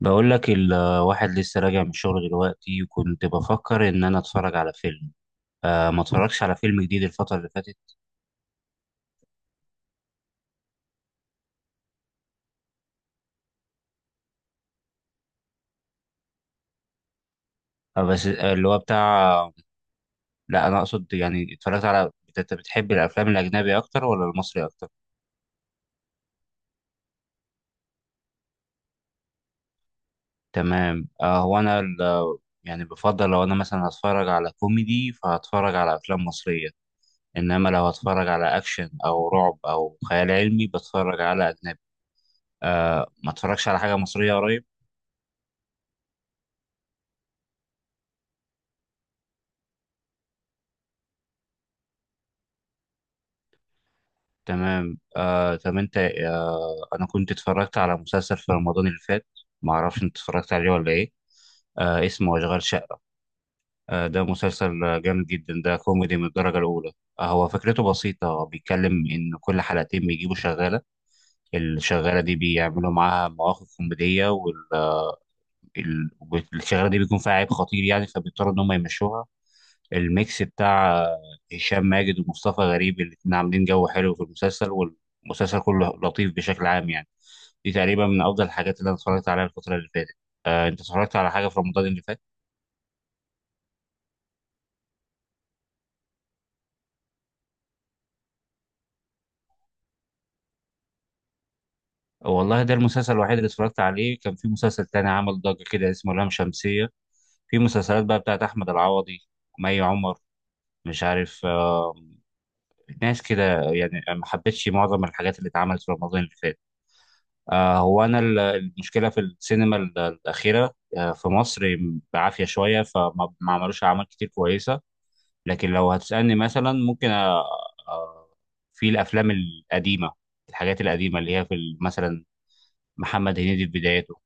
بقول لك الواحد لسه راجع من الشغل دلوقتي، وكنت بفكر ان انا اتفرج على فيلم. ما اتفرجش على فيلم جديد الفترة اللي فاتت. بس اللي هو بتاع. لا، انا اقصد يعني اتفرجت على. انت بتحب الافلام الاجنبي اكتر ولا المصري اكتر؟ تمام. هو انا يعني بفضل لو انا مثلا هتفرج على كوميدي فهتفرج على افلام مصرية. انما لو هتفرج على اكشن او رعب او خيال علمي بتفرج على اجنبي. ما اتفرجش على حاجة مصرية قريب. تمام. طب انت، انا كنت اتفرجت على مسلسل في رمضان اللي فات. ما اعرفش انت اتفرجت عليه ولا ايه؟ اسمه اشغال شقة. ده مسلسل جامد جدا. ده كوميدي من الدرجة الاولى. هو فكرته بسيطة، بيتكلم ان كل حلقتين بيجيبوا شغالة. الشغالة دي بيعملوا معاها مواقف كوميدية. والشغالة دي بيكون فيها عيب خطير يعني، فبيضطروا ان هم يمشوها. الميكس بتاع هشام ماجد ومصطفى غريب، الاتنين عاملين جو حلو في المسلسل. والمسلسل كله لطيف بشكل عام يعني. دي تقريبا من افضل الحاجات اللي انا اتفرجت عليها الفتره اللي فاتت. انت اتفرجت على حاجه في رمضان اللي فات؟ والله ده المسلسل الوحيد اللي اتفرجت عليه. كان في مسلسل تاني عمل ضجه كده اسمه لام شمسيه. في مسلسلات بقى بتاعت احمد العوضي، مي عمر، مش عارف، ناس كده يعني. ما حبيتش معظم الحاجات اللي اتعملت في رمضان اللي فات. هو انا المشكله في السينما الاخيره في مصر بعافيه شويه، فما ما عملوش اعمال كتير كويسه. لكن لو هتسالني مثلا ممكن، في الافلام القديمه، الحاجات القديمه اللي هي في مثلا محمد هنيدي في بداياته،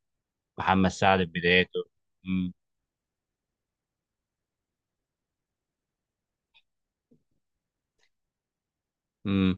محمد سعد في بداياته. امم امم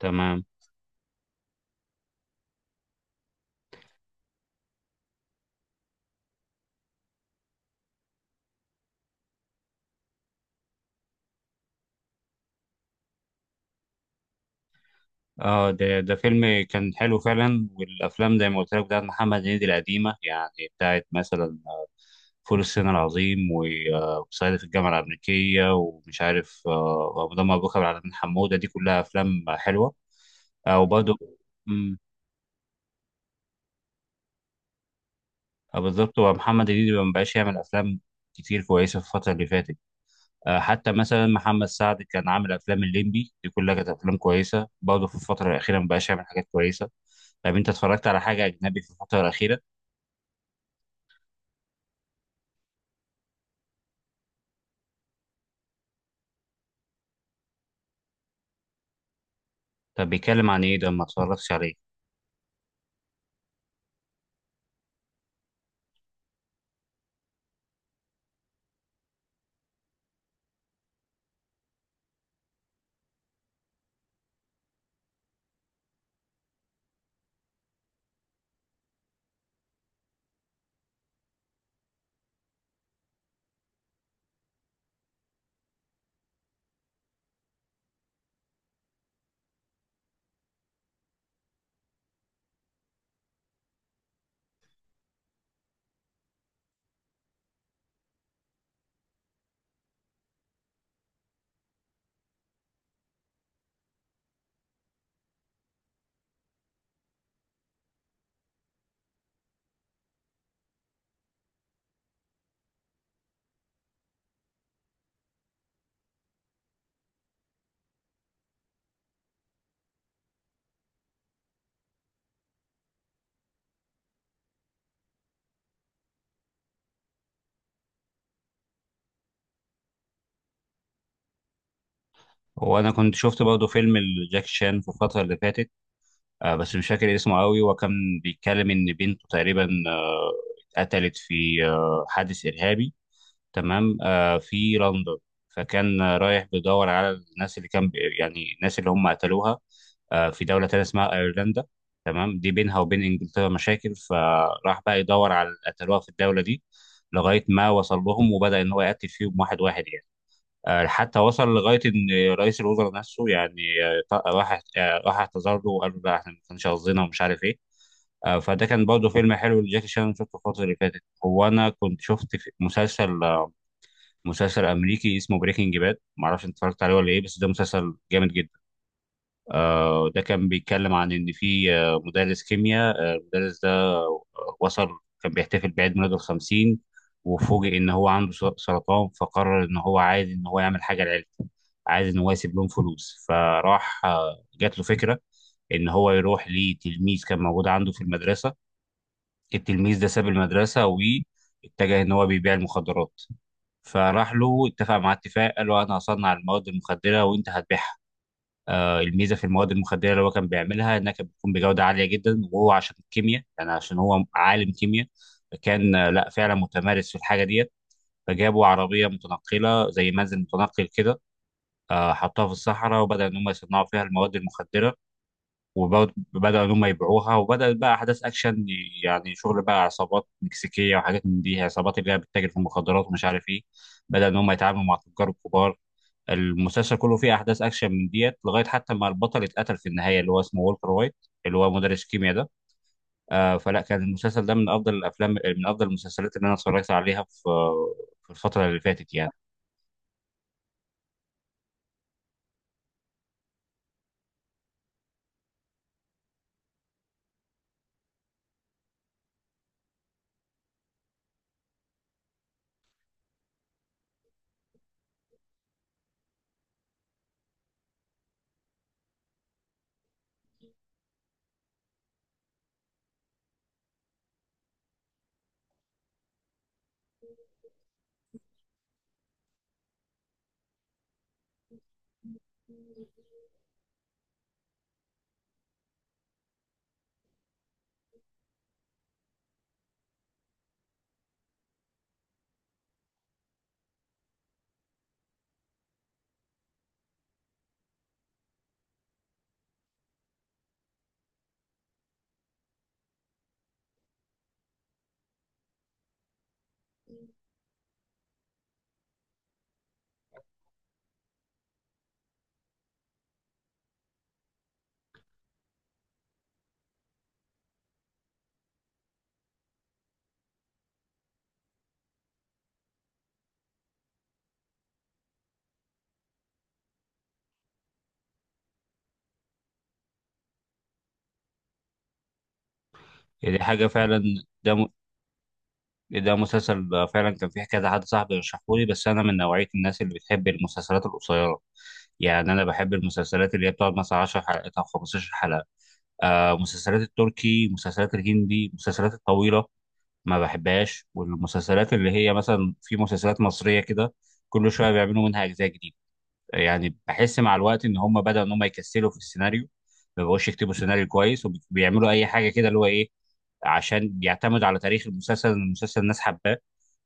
تمام. اه ده فيلم كان حلو فعلا، والافلام زي ما قلت لك بتاعت محمد هنيدي القديمه يعني، بتاعت مثلا فول الصين العظيم وصعيدي في الجامعه الامريكيه، ومش عارف، وابو مبروك، على بن حموده، دي كلها افلام حلوه. وبرضه مم، بالظبط. ومحمد هنيدي ما بقاش يعمل افلام كتير كويسه في الفتره اللي فاتت. حتى مثلا محمد سعد كان عامل افلام الليمبي، دي كلها كانت افلام كويسه برضه. في الفتره الاخيره ما بقاش يعمل حاجات كويسه. طب انت اتفرجت على حاجه اجنبي في الفتره الاخيره؟ طب بيتكلم عن ايه ده؟ ما اتفرجتش عليه. وانا كنت شفت برضه فيلم لجاك شان في الفتره اللي فاتت، بس مش فاكر اسمه قوي. وكان بيتكلم ان بنته تقريبا اتقتلت في حادث ارهابي. تمام، في لندن. فكان رايح بيدور على الناس اللي كان يعني الناس اللي هم قتلوها في دولة تانية اسمها أيرلندا. تمام، دي بينها وبين إنجلترا مشاكل، فراح بقى يدور على اللي قتلوها في الدولة دي. لغاية ما وصل لهم وبدأ إن هو يقتل فيهم واحد واحد يعني. حتى وصل لغاية إن رئيس الوزراء نفسه يعني، راح اعتذر له وقال له لا، إحنا ما كانش قصدنا ومش عارف إيه. فده كان برضه فيلم حلو لجاكي شان، شفته الفترة اللي فاتت. هو أنا كنت شفت في مسلسل، مسلسل أمريكي اسمه بريكنج باد. معرفش أنت اتفرجت عليه ولا إيه، بس ده مسلسل جامد جدا. ده كان بيتكلم عن ان في مدرس كيمياء. المدرس ده وصل، كان بيحتفل بعيد ميلاده الخمسين، وفوجئ ان هو عنده سرطان، فقرر ان هو عايز ان هو يعمل حاجه لعيلته. عايز ان هو يسيب لهم فلوس، فراح جات له فكره ان هو يروح لتلميذ كان موجود عنده في المدرسه. التلميذ ده ساب المدرسه واتجه ان هو بيبيع المخدرات. فراح له اتفق معاه اتفاق، قال له انا هصنع المواد المخدره وانت هتبيعها. الميزه في المواد المخدره اللي هو كان بيعملها انها كانت بتكون بجوده عاليه جدا، وهو عشان الكيمياء يعني عشان هو عالم كيمياء، كان لا فعلا متمارس في الحاجه ديت. فجابوا عربيه متنقله زي منزل متنقل كده، حطوها في الصحراء، وبدا ان هم يصنعوا فيها المواد المخدره، وبداوا ان هم يبيعوها، وبدات بقى احداث اكشن. يعني شغل بقى عصابات مكسيكيه وحاجات من دي، عصابات اللي هي بتتاجر في المخدرات ومش عارف ايه. بدا ان هم يتعاملوا مع تجار كبار. المسلسل كله فيه احداث اكشن من ديت لغايه حتى ما البطل اتقتل في النهايه، اللي هو اسمه والتر وايت، اللي هو مدرس كيمياء ده. فلا، كان المسلسل ده من افضل الافلام، من افضل المسلسلات اللي انا اتفرجت عليها في الفتره اللي فاتت يعني. دي حاجه فعلا. ده مسلسل فعلا كان فيه كذا حد صاحبي رشحهولي، بس انا من نوعيه الناس اللي بتحب المسلسلات القصيره. يعني انا بحب المسلسلات اللي هي بتقعد مثلا 10 حلقات او 15 حلقه. مسلسلات التركي، مسلسلات الهندي، مسلسلات الطويله ما بحبهاش. والمسلسلات اللي هي مثلا، في مسلسلات مصرية كده كل شوية بيعملوا منها أجزاء جديدة. يعني بحس مع الوقت إن هم بدأوا إن هم يكسلوا في السيناريو، ما بقوش يكتبوا سيناريو كويس وبيعملوا أي حاجة كده اللي هو إيه، عشان بيعتمد على تاريخ المسلسل، إن المسلسل الناس حباه.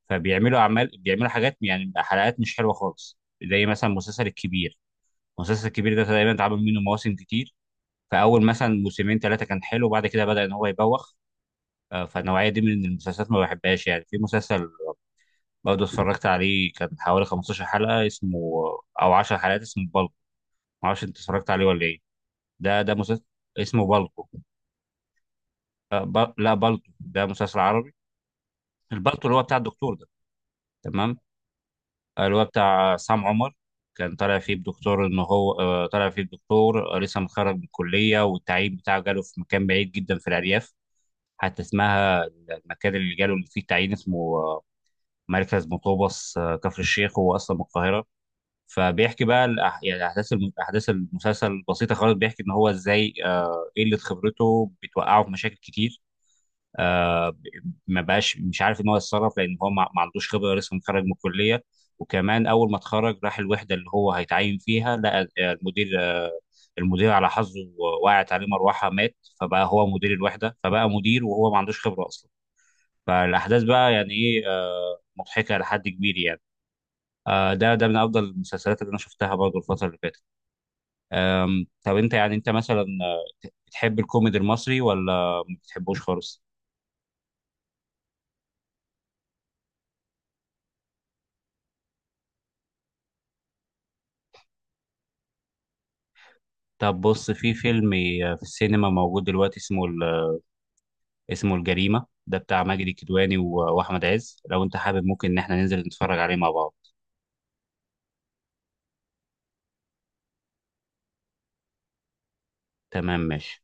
فبيعملوا أعمال، بيعملوا حاجات يعني حلقات مش حلوة خالص، زي مثلا مسلسل الكبير. المسلسل الكبير ده تقريبا اتعمل منه مواسم كتير، فأول مثلا موسمين ثلاثة كان حلو وبعد كده بدأ إن هو يبوخ. فالنوعية دي من المسلسلات ما بحبهاش يعني. في مسلسل برضه اتفرجت عليه كان حوالي 15 حلقة اسمه، أو 10 حلقات، اسمه بالكو. معرفش أنت اتفرجت عليه ولا إيه. ده مسلسل اسمه بالكو. لا، بالكو ده مسلسل عربي. البالكو اللي هو بتاع الدكتور ده. تمام. اللي هو بتاع سام عمر. كان طالع فيه بدكتور إن هو طالع فيه بدكتور لسه متخرج من الكلية، والتعيين بتاعه جاله في مكان بعيد جدا في الأرياف. حتى اسمها المكان اللي جاله اللي فيه التعيين اسمه مركز مطوبس، كفر الشيخ. هو أصلا من القاهرة. فبيحكي بقى يعني احداث احداث المسلسل بسيطه خالص. بيحكي ان هو ازاي قله خبرته بتوقعه في مشاكل كتير. آه... ب- ما بقاش مش عارف ان هو يتصرف، لان هو ما عندوش خبره، لسه متخرج من الكليه. وكمان اول ما اتخرج راح الوحده اللي هو هيتعين فيها، لقى المدير المدير على حظه وقعت عليه مروحه، مات. فبقى هو مدير الوحده، فبقى مدير وهو ما عندوش خبره اصلا. فالاحداث بقى يعني ايه، مضحكه لحد كبير يعني. ده من افضل المسلسلات اللي انا شفتها برضه الفتره اللي فاتت. طب انت يعني، انت مثلا بتحب الكوميدي المصري ولا ما بتحبوش خالص؟ طب بص، في فيلم في السينما موجود دلوقتي اسمه اسمه الجريمة، ده بتاع ماجد الكدواني واحمد عز. لو انت حابب، ممكن ان احنا ننزل نتفرج عليه مع بعض. تمام، ماشي.